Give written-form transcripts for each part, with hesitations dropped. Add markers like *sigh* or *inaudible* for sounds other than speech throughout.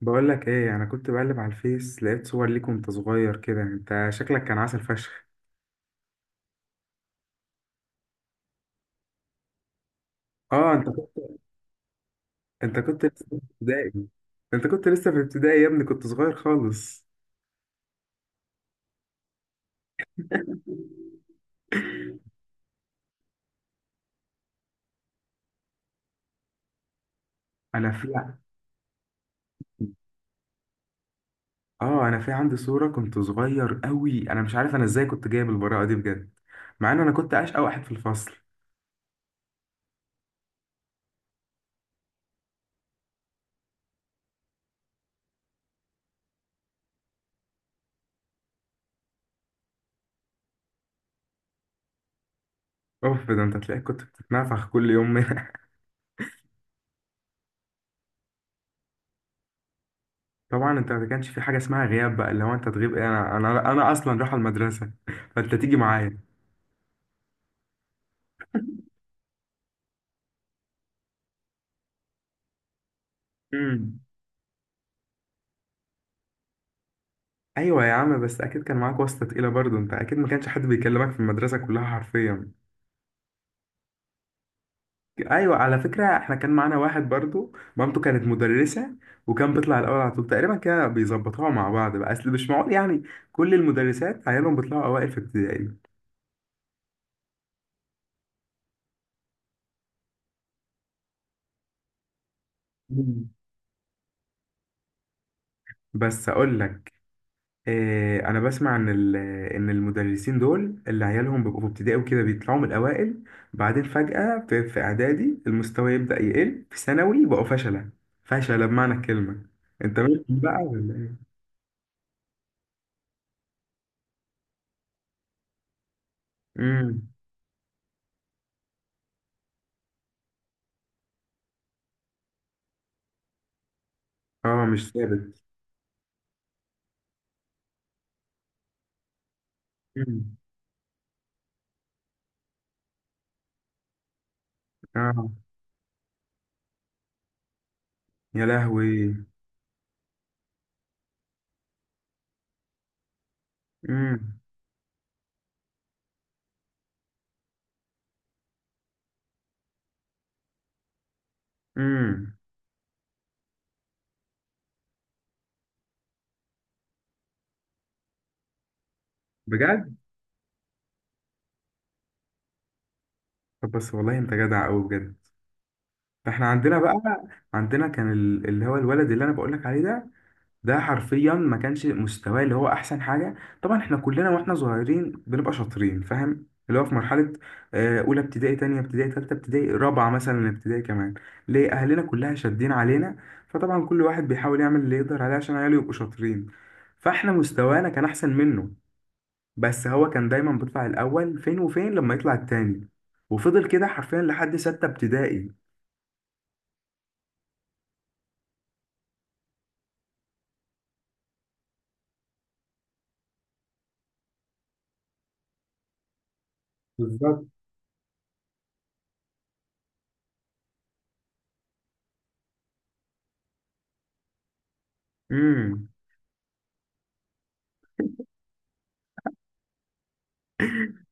بقول لك ايه، انا كنت بقلب على الفيس لقيت صور ليك وانت صغير كده. انت شكلك كان عسل فشخ. اه، انت. انت كنت لسه في ابتدائي. انت كنت لسه في ابتدائي يا ابني، كنت صغير خالص. انا في اه انا في عندي صورة كنت صغير قوي، انا مش عارف انا ازاي كنت جايب البراءة دي بجد. مع ان انا كنت اشقى واحد في الفصل. اوف، ده انت تلاقيك كنت بتتنفخ كل يوم. *laughs* طبعا، انت ما كانش في حاجة اسمها غياب، بقى اللي هو انت تغيب ايه؟ انا اصلا رايح المدرسة *laughs* فانت تيجي معايا. مم. ايوه يا عم، بس اكيد كان معاك واسطه تقيله برضو، انت اكيد ما كانش حد بيكلمك في المدرسه كلها حرفيا. ايوه على فكره، احنا كان معانا واحد برضو مامته كانت مدرسه، وكان بيطلع الاول على طول تقريبا. كده بيظبطوها مع بعض بقى، اصل مش معقول يعني كل المدرسات عيالهم بيطلعوا اوائل في ابتدائي. مم. بس اقول لك، انا بسمع ان ان المدرسين دول اللي عيالهم بيبقوا في ابتدائي وكده بيطلعوا من الاوائل، بعدين فجأة في اعدادي المستوى يبدأ يقل، في ثانوي يبقوا فشلة. فشلة بمعنى الكلمة. انت منهم بقى ولا ايه؟ امم. اه، مش ثابت. امم. اه، يا لهوي. امم. امم. بجد. طب، بس والله انت جدع قوي بجد. احنا عندنا بقى، عندنا كان اللي هو الولد اللي انا بقول لك عليه ده، ده حرفيا ما كانش مستواه اللي هو احسن حاجه. طبعا احنا كلنا واحنا صغيرين بنبقى شاطرين، فاهم؟ اللي هو في مرحله اولى ابتدائي، تانية ابتدائي، تالتة ابتدائي، رابعه مثلا ابتدائي كمان، ليه اهلنا كلها شادين علينا. فطبعا كل واحد بيحاول يعمل اللي يقدر عليه عشان عياله يبقوا شاطرين. فاحنا مستوانا كان احسن منه، بس هو كان دايما بيطلع الاول، فين وفين لما يطلع التاني، وفضل كده حرفيا لحد ستة ابتدائي. بالظبط. امم.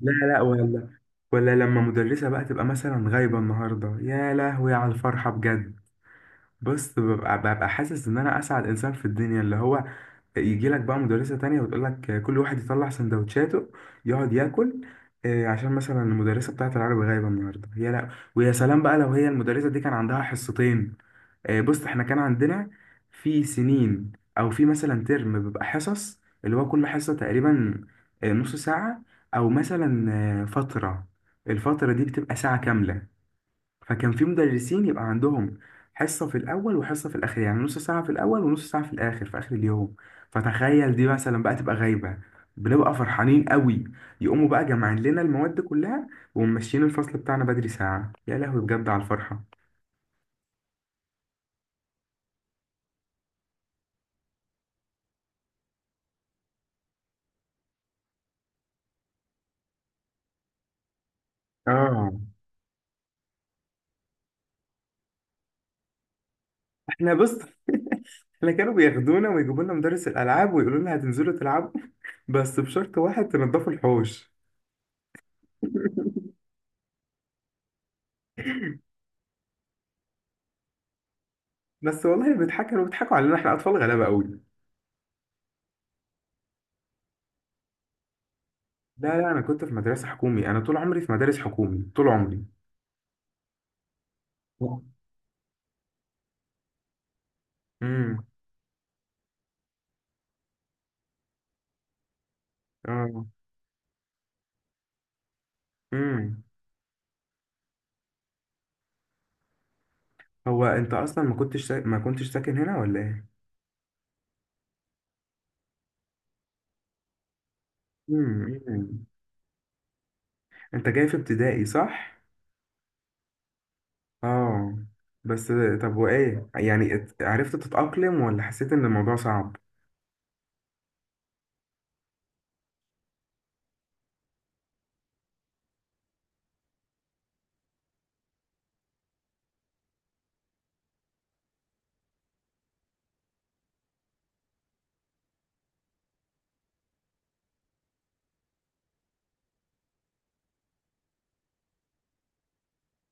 لا لا، ولا، ولا لما مدرسة بقى تبقى مثلا غايبة النهاردة، يا لهوي على الفرحة بجد. بص، ببقى حاسس ان انا اسعد انسان في الدنيا، اللي هو يجي لك بقى مدرسة تانية وتقول لك كل واحد يطلع سندوتشاته، يقعد ياكل، عشان مثلا المدرسة بتاعت العربي غايبة النهاردة يا لا. ويا سلام بقى لو هي المدرسة دي كان عندها حصتين. بص، احنا كان عندنا في سنين، او في مثلا ترم، بيبقى حصص اللي هو كل حصة تقريبا نص ساعة، او مثلا فترة، الفترة دي بتبقى ساعة كاملة. فكان في مدرسين يبقى عندهم حصة في الاول وحصة في الاخر، يعني نص ساعة في الاول ونص ساعة في الاخر في اخر اليوم. فتخيل دي مثلا بقى تبقى غايبة، بنبقى فرحانين قوي، يقوموا بقى جمعين لنا المواد كلها وممشيين الفصل بتاعنا بدري ساعة. يا لهوي بجد على الفرحة. اه، احنا بص. *laughs* احنا كانوا بياخدونا ويجيبوا لنا مدرس الالعاب ويقولوا لنا هتنزلوا تلعبوا، بس بشرط واحد، تنضفوا الحوش. *laughs* بس والله، كانوا بيضحكوا علينا، احنا اطفال غلابه قوي. لا لا، انا كنت في مدرسه حكومي، انا طول عمري في مدارس حكومي طول عمري. امم. اه. امم. هو انت اصلا ما كنتش ساكن هنا ولا ايه؟ امم. أمم. انت جاي في ابتدائي صح؟ اه. بس طب، وايه يعني، عرفت تتأقلم ولا حسيت ان الموضوع صعب؟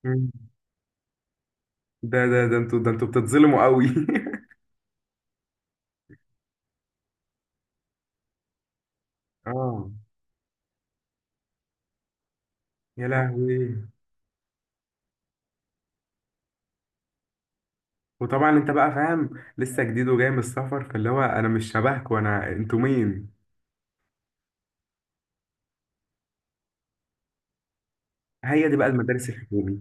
مم. ده انتوا بتتظلموا قوي. *laughs* اه، يا لهوي. وطبعا انت بقى فاهم، لسه جديد وجاي من السفر، فاللي هو انا مش شبهكوا، انا انتوا مين. هي دي بقى المدارس الحكومي.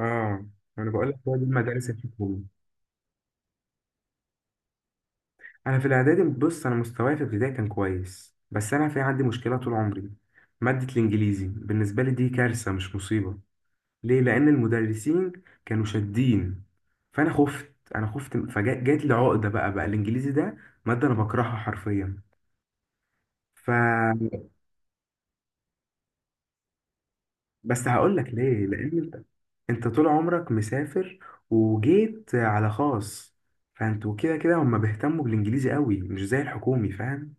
اه، انا بقول لك هو دي المدارس الحكومي. انا في الاعدادي، بص، انا مستواي في ابتدائي كان كويس، بس انا في عندي مشكله طول عمري، ماده الانجليزي بالنسبه لي دي كارثه مش مصيبه. ليه؟ لان المدرسين كانوا شادين، فانا خفت فجات لي عقده، بقى الانجليزي ده ماده انا بكرهها حرفيا. ف بس هقول لك ليه، لان انت طول عمرك مسافر وجيت على خاص، فانتوا كده كده هم بيهتموا بالانجليزي قوي مش زي الحكومي، فاهم؟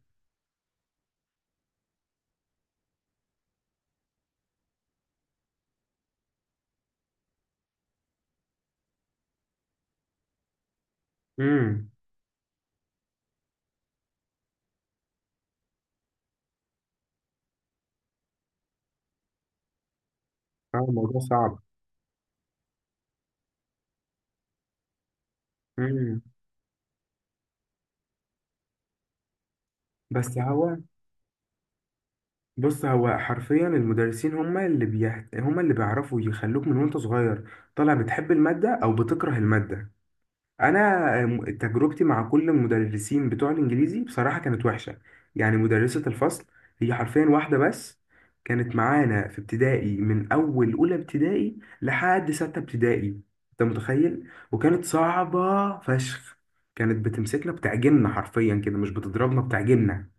امم. الموضوع صعب. امم. بس بص هو حرفيا المدرسين، هم اللي بيعرفوا يخلوك من وانت صغير طالع بتحب المادة أو بتكره المادة. انا تجربتي مع كل المدرسين بتوع الانجليزي بصراحه كانت وحشه. يعني مدرسه الفصل هي حرفيا واحده بس، كانت معانا في ابتدائي من اول اولى ابتدائي لحد سته ابتدائي، انت متخيل؟ وكانت صعبه فشخ، كانت بتمسكنا بتعجننا، حرفيا كده مش بتضربنا بتعجننا.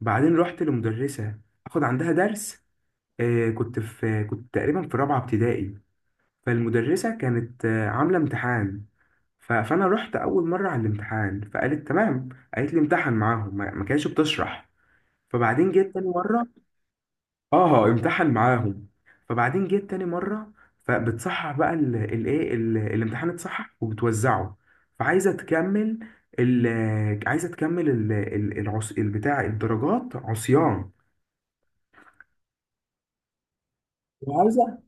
بعدين رحت لمدرسه اخد عندها درس، كنت تقريبا في رابعه ابتدائي. فالمدرسه كانت عامله امتحان، فانا رحت اول مره على الامتحان، فقالت تمام، قالت لي امتحن معاهم، ما كانتش بتشرح. فبعدين جيت تاني مره. اه، امتحن معاهم. فبعدين جيت تاني مره، فبتصحح بقى الامتحان، اتصحح وبتوزعه، فعايزه تكمل عايزه تكمل العص البتاع الدرجات عصيان. وعايزه.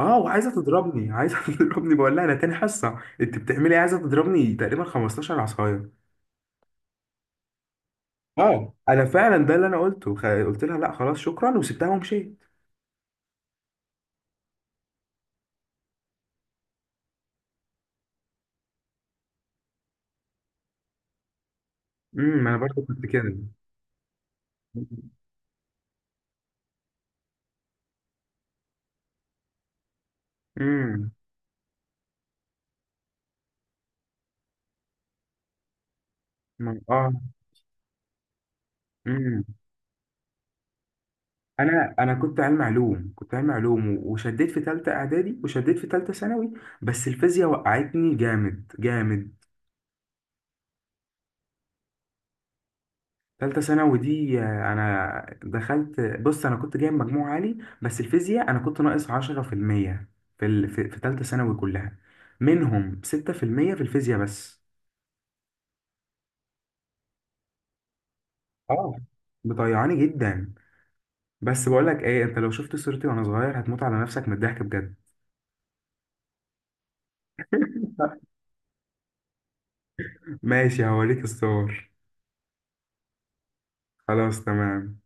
اه، وعايزه تضربني *laughs* تضربني. بقول لها انا تاني حصه، انت بتعملي إيه؟ عايزه تضربني تقريبا 15 عصايه. اه، انا فعلا ده اللي انا قلته، قلت لها لا خلاص شكرا، وسبتها ومشيت. امم. انا برضه كنت كده. امم. اه. امم. انا كنت علم علوم وشديت في ثالثه اعدادي، وشديت في ثالثه ثانوي. بس الفيزياء وقعتني جامد جامد. ثالثه ثانوي دي، انا دخلت بص انا كنت جايب مجموع عالي، بس الفيزياء انا كنت ناقص 10% في المية في ثالثه ثانوي كلها، منهم 6% في المية في الفيزياء بس. اه، مطيعاني جدا. بس بقول لك ايه، انت لو شفت صورتي وانا صغير هتموت على نفسك من الضحك بجد. ماشي، هوريك الصور. خلاص، تمام.